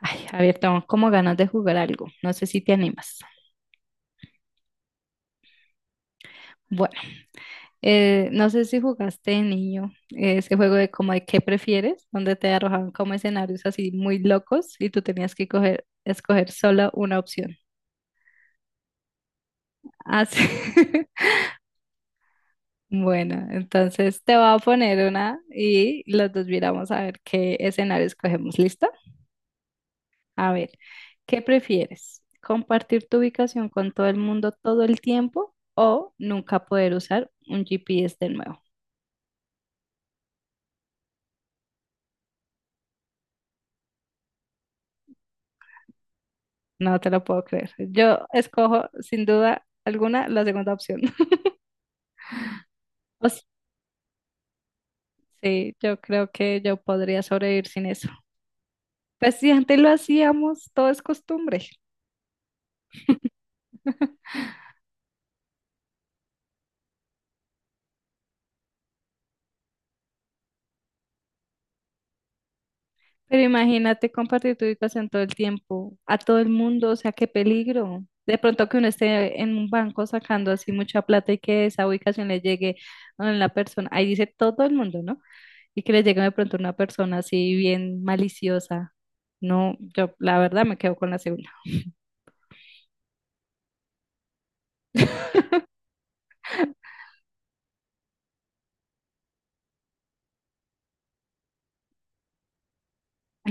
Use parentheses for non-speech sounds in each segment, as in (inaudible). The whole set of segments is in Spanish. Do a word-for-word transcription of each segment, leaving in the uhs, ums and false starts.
Ay, a ver, tengo como ganas de jugar algo. No sé si te animas. Bueno, eh, no sé si jugaste de niño eh, ese juego de como de qué prefieres, donde te arrojaban como escenarios así muy locos y tú tenías que coger, escoger solo una opción. Así. (laughs) Bueno, entonces te voy a poner una y los dos miramos a ver qué escenario escogemos. ¿Listo? A ver, ¿qué prefieres? ¿Compartir tu ubicación con todo el mundo todo el tiempo o nunca poder usar un G P S de nuevo? No te lo puedo creer. Yo escojo sin duda alguna la segunda opción. (laughs) O s- sí, yo creo que yo podría sobrevivir sin eso. Pues si antes lo hacíamos, todo es costumbre. (laughs) Pero imagínate compartir tu ubicación todo el tiempo, a todo el mundo, o sea, qué peligro. De pronto que uno esté en un banco sacando así mucha plata y que esa ubicación le llegue a la persona, ahí dice todo el mundo, ¿no? Y que le llegue de pronto una persona así bien maliciosa. No, yo la verdad me quedo con la segunda.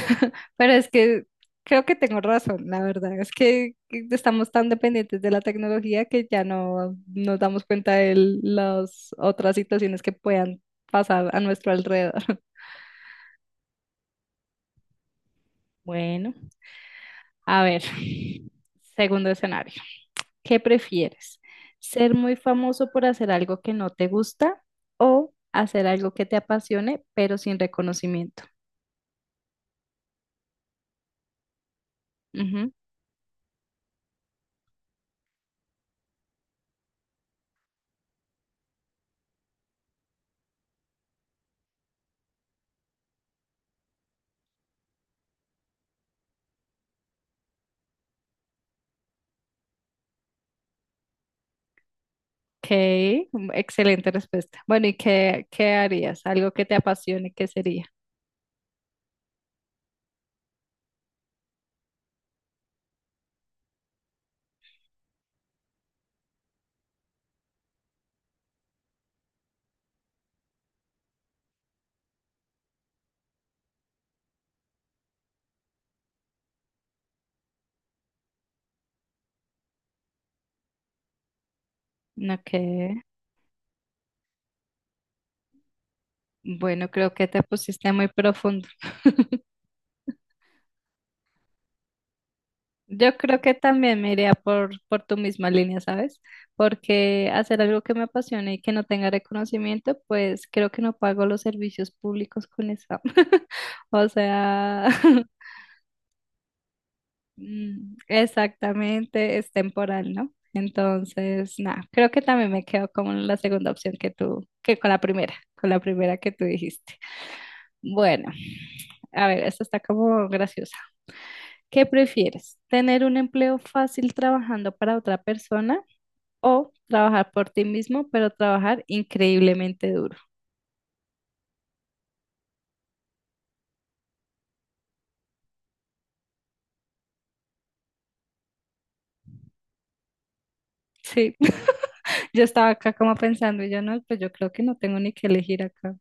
(laughs) Pero es que creo que tengo razón, la verdad. Es que estamos tan dependientes de la tecnología que ya no nos damos cuenta de las otras situaciones que puedan pasar a nuestro alrededor. (laughs) Bueno, a ver, segundo escenario. ¿Qué prefieres? ¿Ser muy famoso por hacer algo que no te gusta o hacer algo que te apasione pero sin reconocimiento? Ujú. Ok, mm, excelente respuesta. Bueno, ¿y qué, qué harías? Algo que te apasione, ¿qué sería? Ok, bueno, creo que te pusiste muy profundo. Yo creo que también me iría por, por tu misma línea, ¿sabes? Porque hacer algo que me apasione y que no tenga reconocimiento, pues creo que no pago los servicios públicos con eso. (laughs) O sea, (laughs) Mm, exactamente, es temporal, ¿no? Entonces, nada, creo que también me quedo con la segunda opción que tú, que con la primera, con la primera que tú dijiste. Bueno, a ver, esta está como graciosa. ¿Qué prefieres? ¿Tener un empleo fácil trabajando para otra persona o trabajar por ti mismo, pero trabajar increíblemente duro? Sí, (laughs) yo estaba acá como pensando y yo no, pues yo creo que no tengo ni que elegir acá.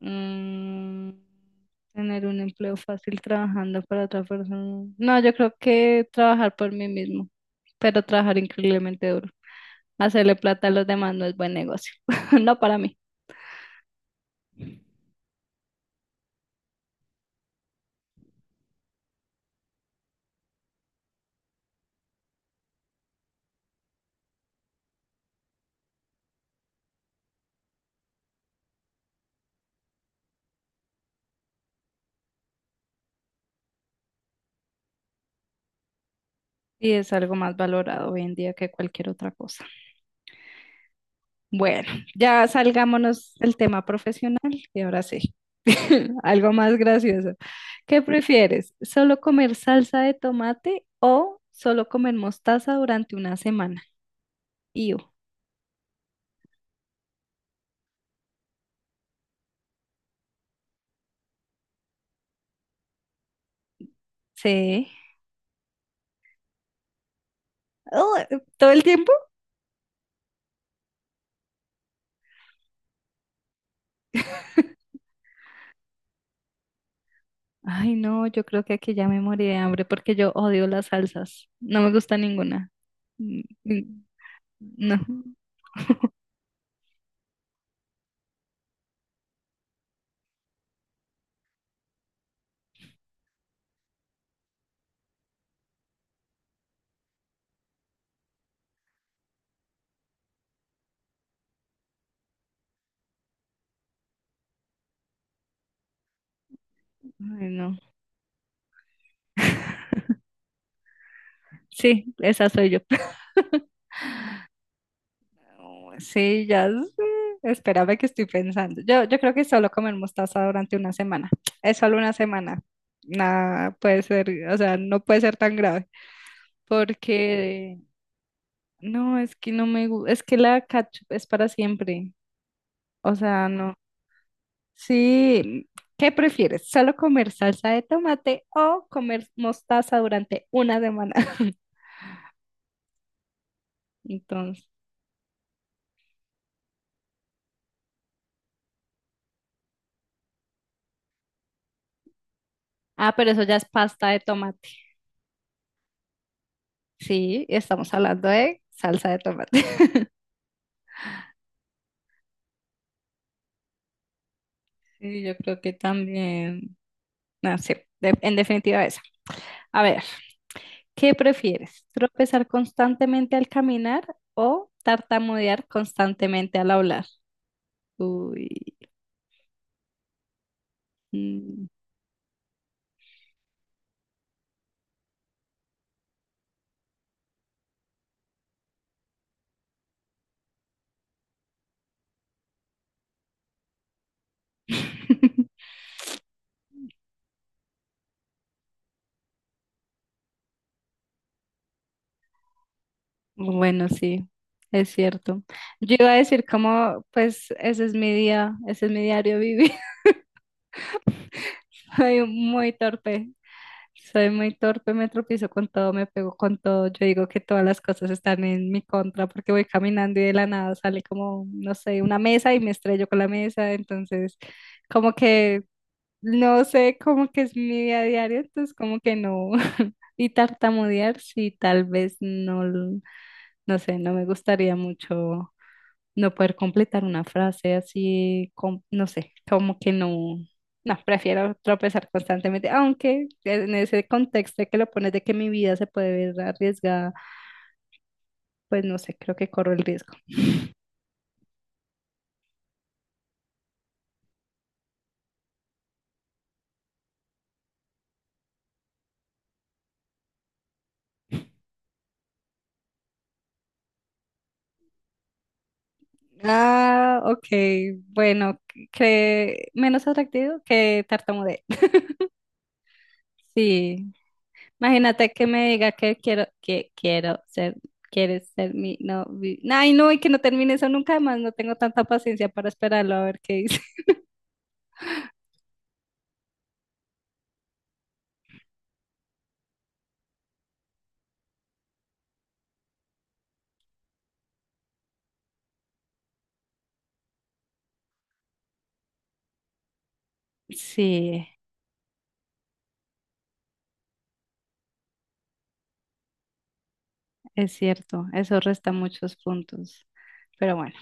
Mm, tener un empleo fácil trabajando para otra persona. No, yo creo que trabajar por mí mismo, pero trabajar increíblemente duro. Hacerle plata a los demás no es buen negocio, (laughs) no para mí. Y es algo más valorado hoy en día que cualquier otra cosa. Bueno, ya salgámonos del tema profesional y ahora sí, (laughs) algo más gracioso. ¿Qué prefieres? ¿Solo comer salsa de tomate o solo comer mostaza durante una semana? Iu, sí. Oh, ¿todo el tiempo? Ay, no, yo creo que aquí ya me morí de hambre porque yo odio las salsas. No me gusta ninguna. Mm, mm, no. (laughs) Ay, no. Sí, esa soy yo. (laughs) Oh, sí, ya sé. Espérame que estoy pensando. Yo, yo creo que solo comer mostaza durante una semana. Es solo una semana. Nada puede ser, o sea, no puede ser tan grave. Porque no, es que no me gusta. Es que la ketchup es para siempre. O sea, no. Sí, ¿qué prefieres? ¿Solo comer salsa de tomate o comer mostaza durante una semana? (laughs) Entonces, ah, pero eso ya es pasta de tomate. Sí, estamos hablando de salsa de tomate. (laughs) Sí, yo creo que también, no sé, de- en definitiva esa. A ver, ¿qué prefieres? ¿Tropezar constantemente al caminar o tartamudear constantemente al hablar? Uy. Mm. (laughs) Bueno, sí, es cierto. Yo iba a decir como, pues ese es mi día, ese es mi diario vivir. (laughs) Soy muy torpe, soy muy torpe, me tropiezo con todo, me pego con todo. Yo digo que todas las cosas están en mi contra porque voy caminando y de la nada sale como, no sé, una mesa y me estrello con la mesa. Entonces, como que, no sé, como que es mi día a diario, entonces como que no. (laughs) Y tartamudear, sí, tal vez no, no sé, no me gustaría mucho no poder completar una frase así, com- no sé, como que no, no, prefiero tropezar constantemente, aunque en ese contexto que lo pones de que mi vida se puede ver arriesgada, pues no sé, creo que corro el riesgo. Ah, ok, bueno, que menos atractivo que tartamudear. (laughs) Sí, imagínate que me diga que quiero, que quiero ser, quieres ser mi novio. Ay, no, y que no termine eso nunca más, no tengo tanta paciencia para esperarlo a ver qué dice. (laughs) Sí, es cierto, eso resta muchos puntos. Pero bueno,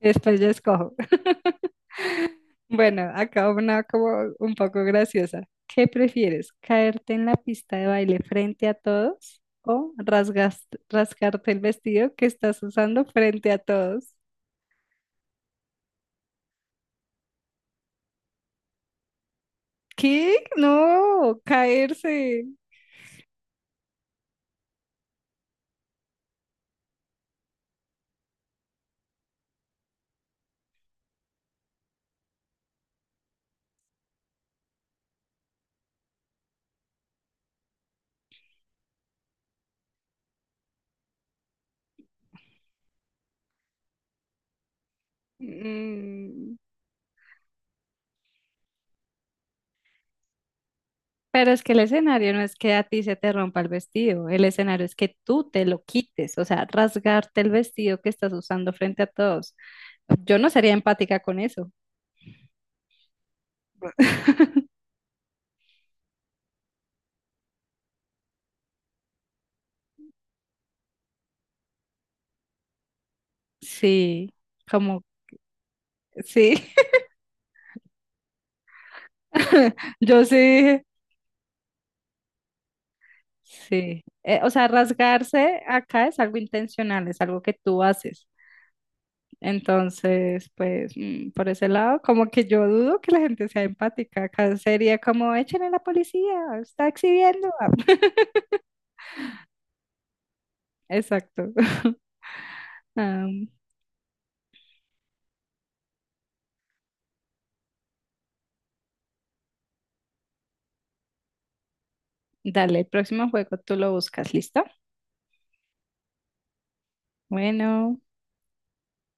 después yo escojo. (laughs) Bueno, acá una como un poco graciosa. ¿Qué prefieres? ¿Caerte en la pista de baile frente a todos o rasgas- rascarte el vestido que estás usando frente a todos? ¿Qué? No, caerse. Mm, Pero es que el escenario no es que a ti se te rompa el vestido, el escenario es que tú te lo quites, o sea, rasgarte el vestido que estás usando frente a todos. Yo no sería empática con eso. (laughs) Sí, como, sí, (laughs) yo sí, sí. Eh, o sea, rasgarse acá es algo intencional, es algo que tú haces. Entonces, pues, mm, por ese lado, como que yo dudo que la gente sea empática. Acá sería como, echen a la policía, está exhibiendo. (laughs) Exacto. (laughs) Am, dale, el próximo juego tú lo buscas, ¿listo? Bueno.